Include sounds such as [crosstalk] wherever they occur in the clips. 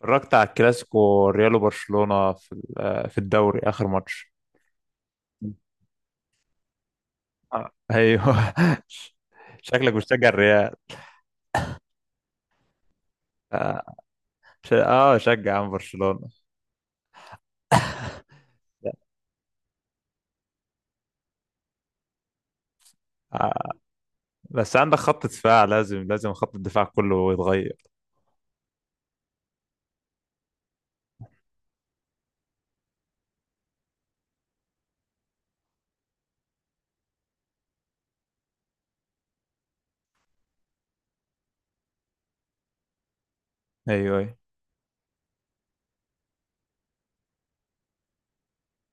اتفرجت على الكلاسيكو ريال وبرشلونة في الدوري، آخر ماتش. آه. ايوه. [laughs] شكلك بتشجع الريال. اه. شجع عن برشلونة. آه. بس عندك خط دفاع، لازم خط الدفاع كله يتغير. ايوه ايوه.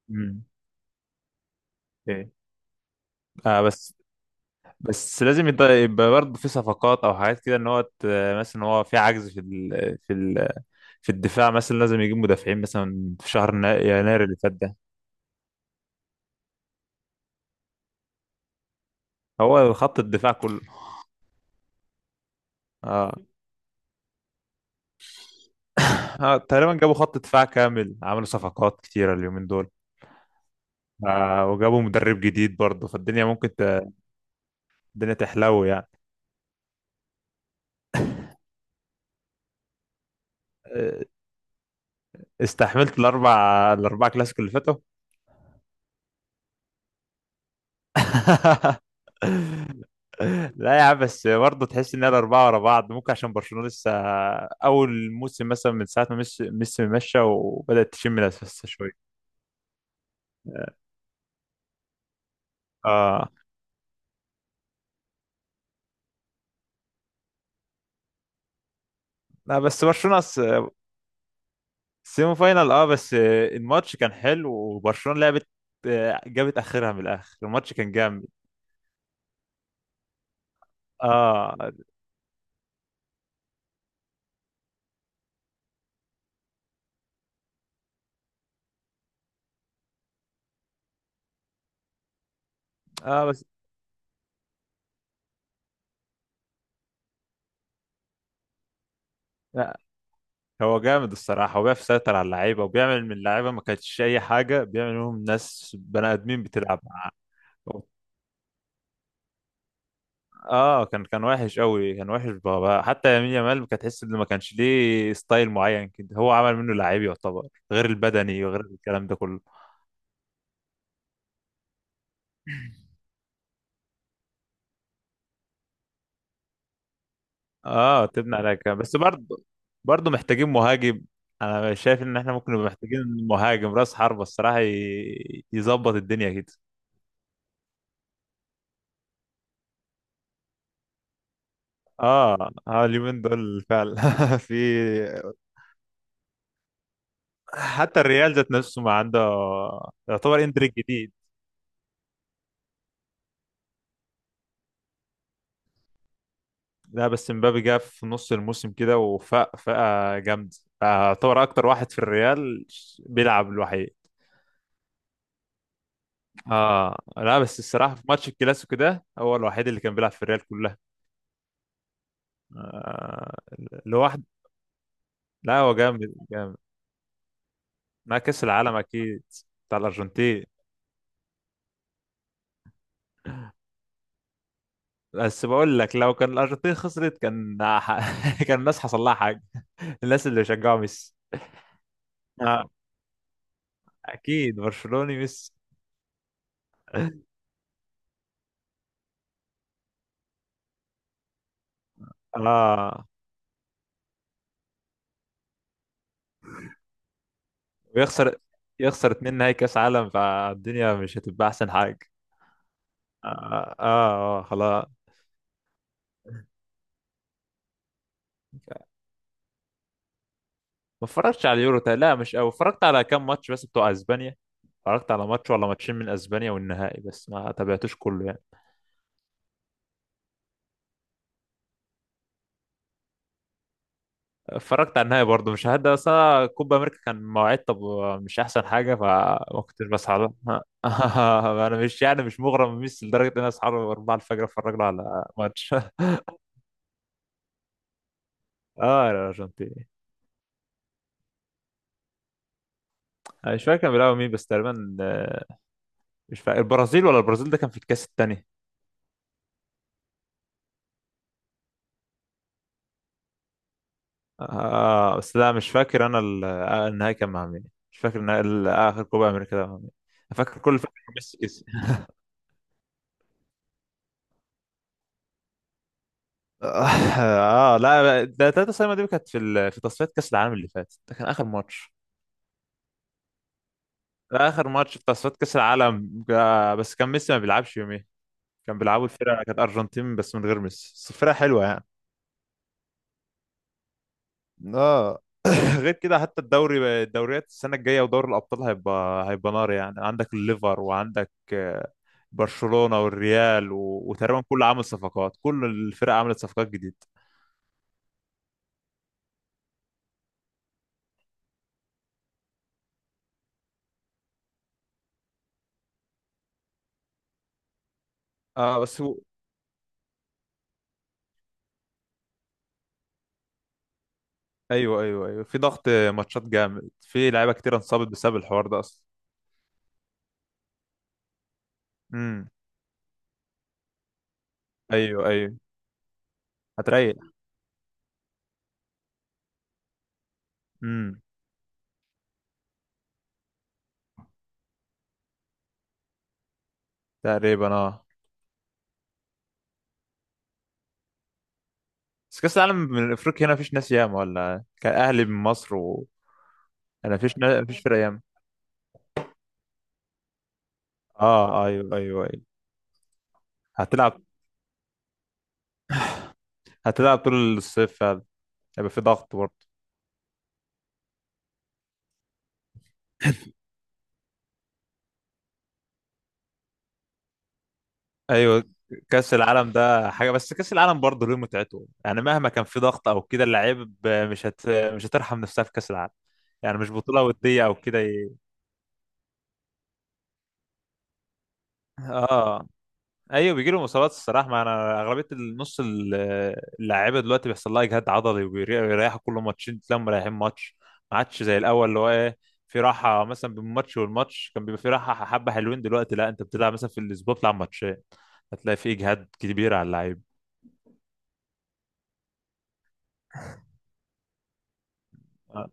امم ايه. آه. بس لازم يبقى برضه في صفقات او حاجات كده، مثلا هو في عجز في الدفاع، مثلا لازم يجيب مدافعين مثلا في شهر يناير اللي فات ده. هو خط الدفاع كله. اه. [coughs] تقريبا جابوا خط دفاع كامل، عملوا صفقات كتيرة اليومين دول، وجابوا مدرب جديد برضه، فالدنيا ممكن الدنيا تحلو يعني. آه، استحملت الأربع كلاسيكو اللي فاتوا. [laughs] لا يا عم، بس برضه تحس إن الأربعة ورا بعض، ممكن عشان برشلونة لسه أول موسم، مثلا من ساعة ما ميسي مشى، وبدأت تشم نفسها شوية. آه آه، لا بس برشلونة سيمي فاينال، بس الماتش كان حلو وبرشلونة لعبت، جابت اخرها من الاخر، الماتش كان جامد. اه اه. بس لا، هو جامد الصراحة، وبيعرف يسيطر على اللعيبة، وبيعمل من اللعيبة ما كانتش أي حاجة، بيعمل منهم ناس بني آدمين بتلعب معاه. اه، كان وحش قوي، كان وحش بابا، حتى يمين يامال كانت تحس إن ما كانش ليه ستايل معين كده، هو عمل منه لعيب يعتبر، غير البدني وغير الكلام ده كله. اه، تبني عليها كام بس برضه، برضه محتاجين مهاجم. انا شايف ان احنا ممكن نبقى محتاجين مهاجم راس حربة الصراحة، يظبط الدنيا كده. اه اه، اليومين دول فعلا. [laughs] في حتى الريال ذات نفسه ما عنده، يعتبر، اندريك جديد. لا بس مبابي جه في نص الموسم كده وفاق فاقة جامد، يعتبر اكتر واحد في الريال بيلعب الوحيد. اه لا، بس الصراحه في ماتش الكلاسيكو ده هو الوحيد اللي كان بيلعب في الريال كلها. آه، اللي هو لا، هو جامد جامد. مع كأس العالم، أكيد، بتاع الأرجنتين. بس بقول لك، لو كان الأرجنتين خسرت كان، [laughs] كان الناس حصل لها حاجة، الناس اللي شجعوا ميسي. آه. أكيد برشلوني ميسي. آه، ويخسر يخسر اتنين نهائي كأس عالم، فالدنيا مش هتبقى أحسن حاجة. آه خلاص. ما اتفرجتش على اليورو، لا مش أوي، اتفرجت على كام ماتش بس بتوع أسبانيا، اتفرجت على ماتش ولا ماتشين من أسبانيا والنهائي، بس ما تابعتوش كله يعني. اتفرجت على النهاية برضه، مش هدا، بس أنا كوبا أمريكا كان مواعيد طب مش أحسن حاجة، فما كنتش بسعى له. [laughs] أنا مش يعني مش مغرم بميسي لدرجة إن أنا أصحى 4 الفجر أتفرج له على ماتش. [laughs] آه، الأرجنتين. أنا مش فاكر كان بيلعبوا مين بس تقريبا، آه، مش فاكر، البرازيل، ولا البرازيل ده كان في الكاس التاني. بس لا، مش فاكر أنا النهائي كان مع مين. مش فاكر آخر كوبا أمريكا ده مع مين. أنا فاكر، فاكر ميسي كسب. اه لا، ده 3-0 دي كانت في تصفيات كاس العالم اللي فات، ده كان اخر ماتش. ده اخر ماتش في تصفيات كاس العالم، بس كان ميسي ما بيلعبش يوميها، كان بيلعبوا الفرقه، كانت ارجنتين بس من غير ميسي، بس الفرقه حلوه يعني. اه. [laughs] [coughs] غير كده، حتى الدوريات السنه الجايه ودوري الابطال هيبقى نار يعني، عندك الليفر، وعندك برشلونه والريال وتقريبا كله عامل صفقات، كل الفرق عملت صفقات جديده. اه بس. ايوه ايوه ايوه، في ضغط ماتشات جامد، في لعيبه كتير انصابت بسبب الحوار ده اصلا. امم ايوه ايوه، هتريح. امم تقريبا. اه. بس كاس العالم من افريقيا هنا، مفيش ناس ياما، ولا كان اهلي من مصر وانا مفيش فرق ياما. اه، ايوه ايوه ايوه، هتلعب، طول الصيف فعلا، هيبقى في ضغط برضه. ايوه. كاس العالم ده حاجه، بس كاس العالم برضه له متعته يعني، مهما كان في ضغط او كده، اللعيب مش هت... مش هترحم نفسها في كاس العالم. يعني مش بطوله وديه او كده اه. ايوه، بيجي لهم اصابات الصراحه، ما انا اغلبيه النص اللعيبه دلوقتي بيحصل لها اجهاد عضلي، وبيريحوا كل ماتشين تلاقيهم مريحين ماتش، ما عادش زي الاول اللي هو ايه، في راحه مثلا بين الماتش والماتش كان بيبقى في راحه حبه حلوين، دلوقتي لا، انت بتلعب مثلا في الاسبوع بتلعب ماتشين، هتلاقي في اجهاد كبير على اللعيب. آه،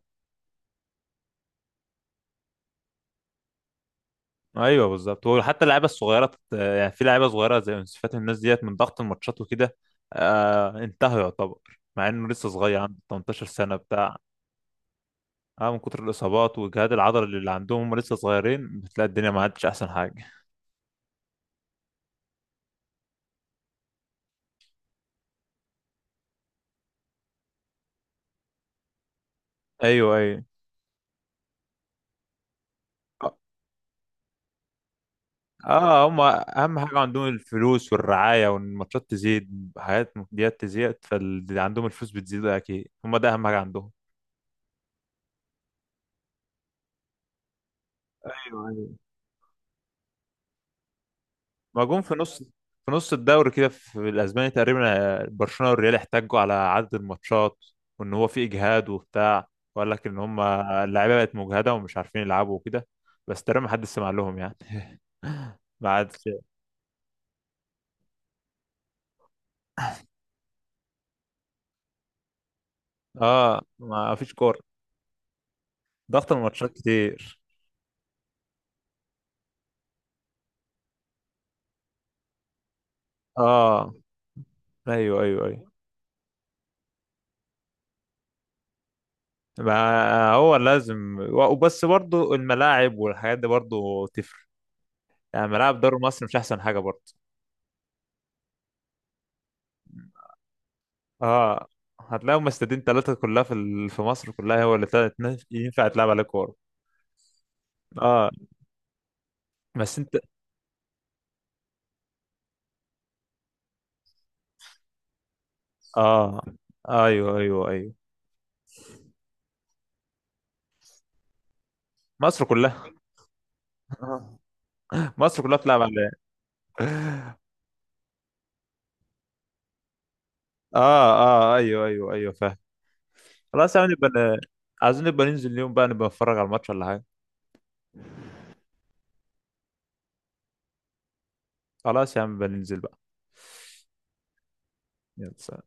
ايوه بالظبط، وحتى اللعيبه الصغيره، يعني في لعيبه صغيره زي يونس فاتي، الناس ديت من ضغط الماتشات وكده. انتهى يعتبر، مع انه لسه صغير، عنده 18 سنه بتاع. اه، من كتر الاصابات والجهاد العضلي اللي عندهم، هم لسه صغيرين، بتلاقي الدنيا ما عادش احسن حاجه. ايوه ايوه. اه، هم اهم حاجه عندهم الفلوس والرعايه، والماتشات تزيد، حاجات ديت تزيد، فاللي عندهم الفلوس بتزيد اكيد، هم ده اهم حاجه عندهم. ايوه ايوه. ما جم في نص الدوري كده في الاسباني تقريبا، برشلونه والريال احتجوا على عدد الماتشات، وان هو في اجهاد وبتاع، وقال لك ان هم اللعيبه بقت مجهده ومش عارفين يلعبوا وكده، بس تقريبا محدش سمع لهم يعني. [laughs] بعد. اه، ما فيش كورة، ضغط الماتشات كتير. اه، ايوه ايوه ايوه، ما هو لازم، وبس برضو الملاعب والحاجات دي برضو تفرق يعني، ملاعب دوري مصر مش احسن حاجة برضو. اه، هتلاقيهم استادين ثلاثة، كلها في مصر كلها، هو اللي تلات ناس ينفع تلعب عليه كورة. اه بس انت. اه، ايوه ايوه ايوه، مصر كلها. [laughs] مصر كلها بتلعب عليه. اه اه، ايوه ايوه ايوه، فاهم. خلاص يا عم، عايزين نبقى ننزل اليوم بقى، نبقى نتفرج على الماتش ولا حاجة. خلاص يا عم، نبقى ننزل بقى. يلا، سلام.